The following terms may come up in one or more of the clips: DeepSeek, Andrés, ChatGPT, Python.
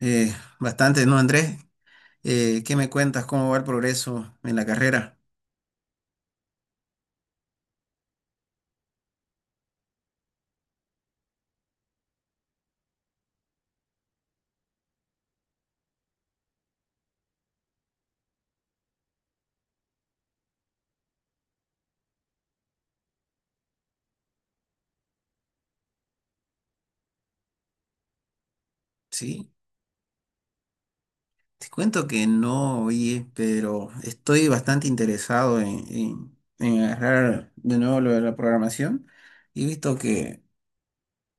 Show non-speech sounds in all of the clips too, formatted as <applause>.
Eh, Bastante, ¿no, Andrés? ¿Qué me cuentas? ¿Cómo va el progreso en la carrera? Sí, te cuento que no, oye, pero estoy bastante interesado en agarrar de nuevo lo de la programación y he visto que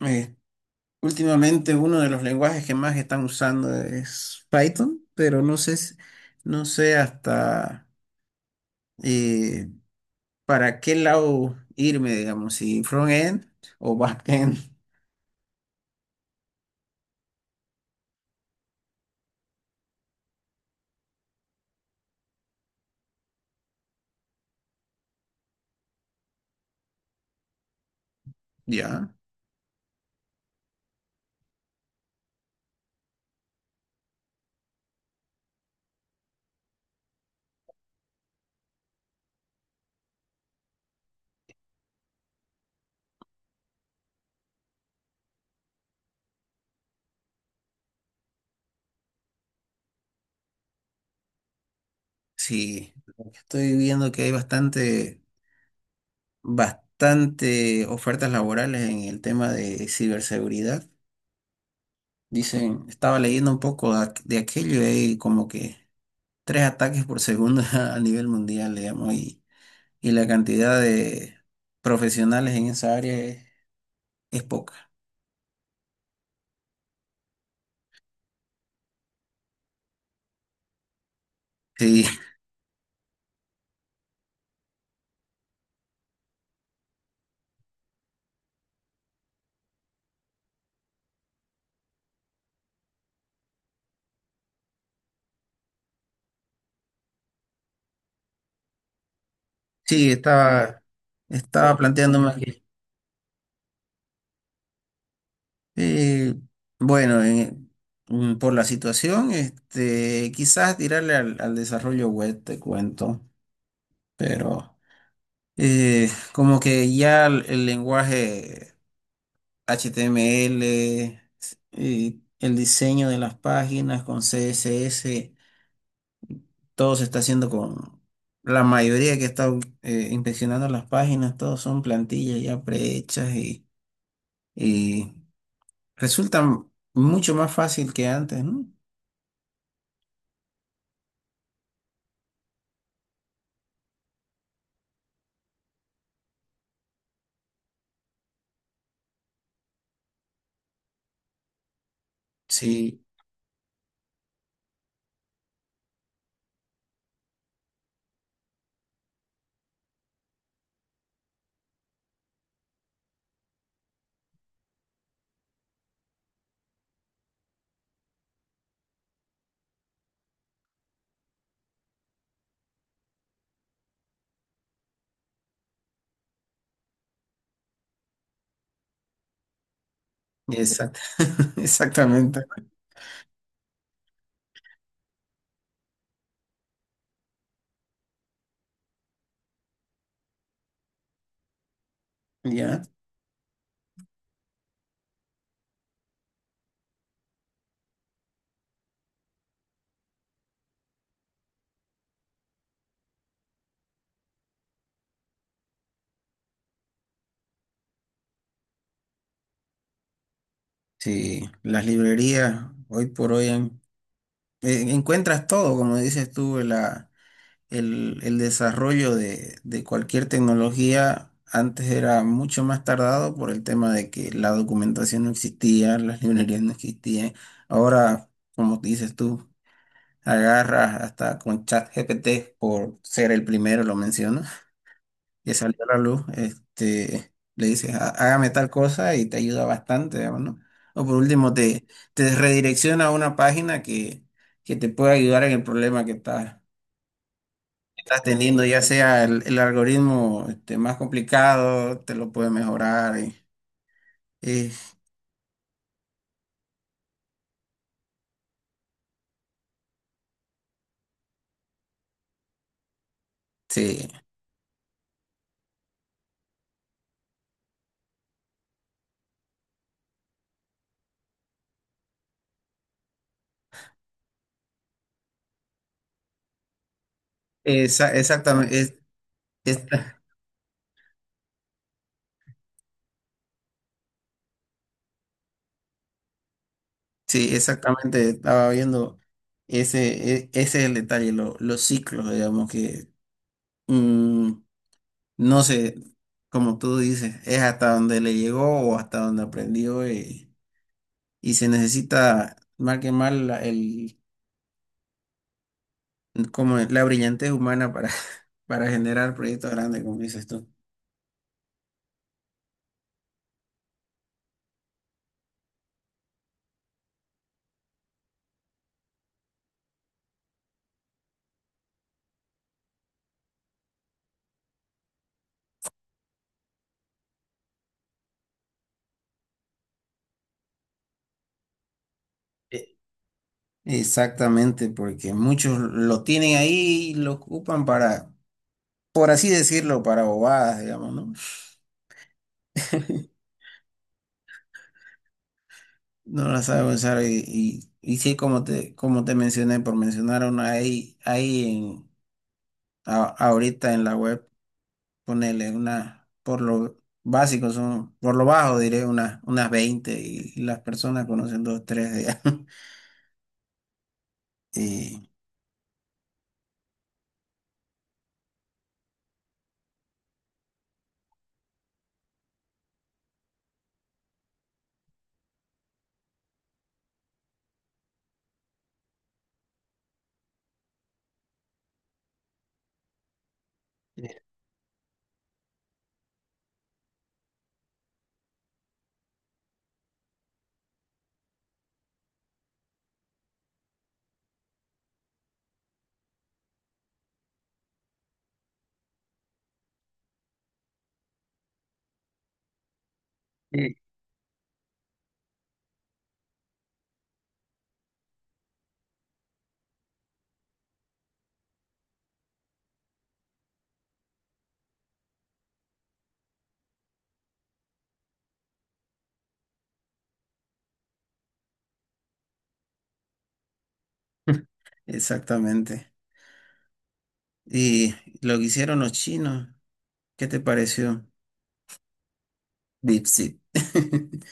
eh, últimamente uno de los lenguajes que más están usando es Python, pero no sé, no sé hasta eh, para qué lado irme, digamos, si front-end o back-end. <laughs> ¿Ya? Sí. Estoy viendo que hay bastante ofertas laborales en el tema de ciberseguridad. Dicen, estaba leyendo un poco de aquello y hay como que tres ataques por segundo <laughs> a nivel mundial, digamos, y la cantidad de profesionales en esa área es poca. Sí, <laughs> sí, estaba planteándome que, eh, bueno, mm, por la situación, este, quizás tirarle al desarrollo web, te cuento. Pero como que ya el lenguaje HTML y el diseño de las páginas con CSS, todo se está haciendo con la mayoría que está inspeccionando las páginas, todos son plantillas ya prehechas y resultan mucho más fácil que antes, ¿no? Sí, exact- <laughs> exactamente. Ya, sí, las librerías hoy por hoy han encuentras todo, como dices tú, el desarrollo de cualquier tecnología antes era mucho más tardado por el tema de que la documentación no existía, las <laughs> librerías no existían. Ahora, como dices tú, agarras hasta con ChatGPT por ser el primero, lo menciono que salió a la luz, este, le dices, hágame tal cosa" y te ayuda bastante, digamos, ¿no? O por último, te redirecciona a una página que te puede ayudar en el problema que que estás teniendo, ya sea el algoritmo este, más complicado, te lo puede mejorar. Y- sí. Exactamente. Es- <laughs> sí, exactamente, estaba viendo ese es el detalle, los ciclos, digamos, que... mm, no sé, como tú dices, es hasta donde le llegó o hasta donde aprendió, y se necesita más que más como la brillantez humana para, <laughs> para generar proyectos grandes, como dices tú. Eh, Exactamente, porque muchos lo tienen ahí y lo ocupan para, por así decirlo, para bobadas, digamos, ¿no? <laughs> No la sabe usar y sí, como te mencioné, por mencionar una ahorita en la web. Ponerle una, por lo básico, son, por lo bajo diré unas 20 y las personas conocen dos, tres de allá. <laughs> Y sí, exactamente. Y lo que hicieron los chinos, ¿qué te pareció? DeepSeek. <laughs>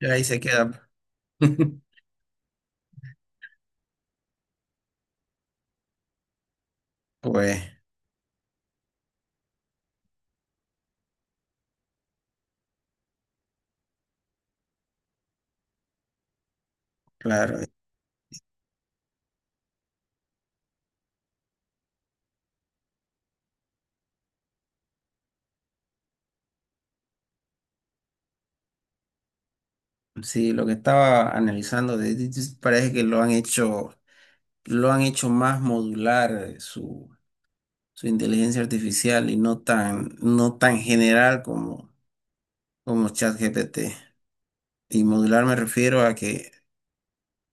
Y ahí se queda. <laughs> Pues claro, sí, lo que estaba analizando de DeepSeek parece que lo han hecho más modular, su inteligencia artificial y no tan general como como ChatGPT. Y modular me refiero a que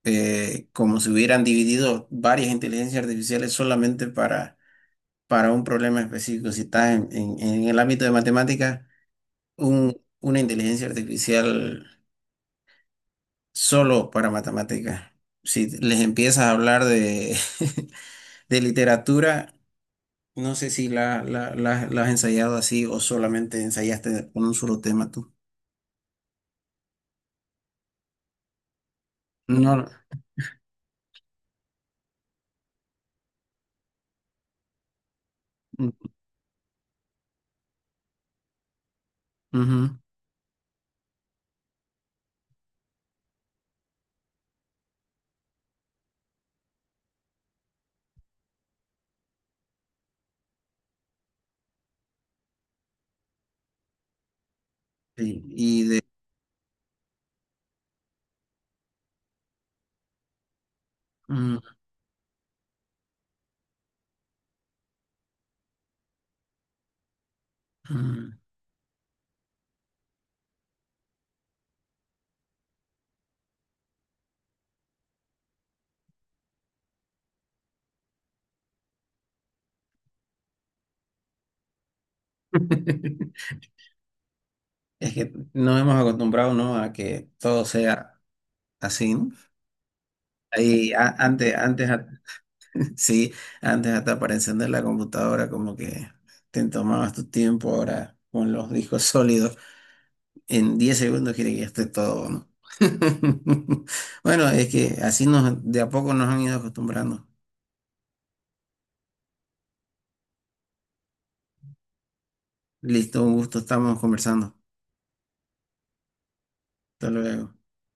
como si hubieran dividido varias inteligencias artificiales solamente para un problema específico. Si estás en el ámbito de matemáticas, una inteligencia artificial solo para matemáticas. Si les empiezas a hablar de, <laughs> de literatura, no sé si la has ensayado así o solamente ensayaste con un solo tema tú. No. Ujú. Sí, y de... Ujú. <laughs> Es que nos hemos acostumbrado, ¿no? A que todo sea así, ¿no? Antes, <laughs> sí, antes hasta para encender la computadora como que te tomabas tu tiempo, ahora con los discos sólidos, en 10 segundos quiere que ya esté todo, ¿no? <laughs> Bueno, es que así nos, de a poco nos han ido acostumbrando. Listo, un gusto, estamos conversando. Hasta luego.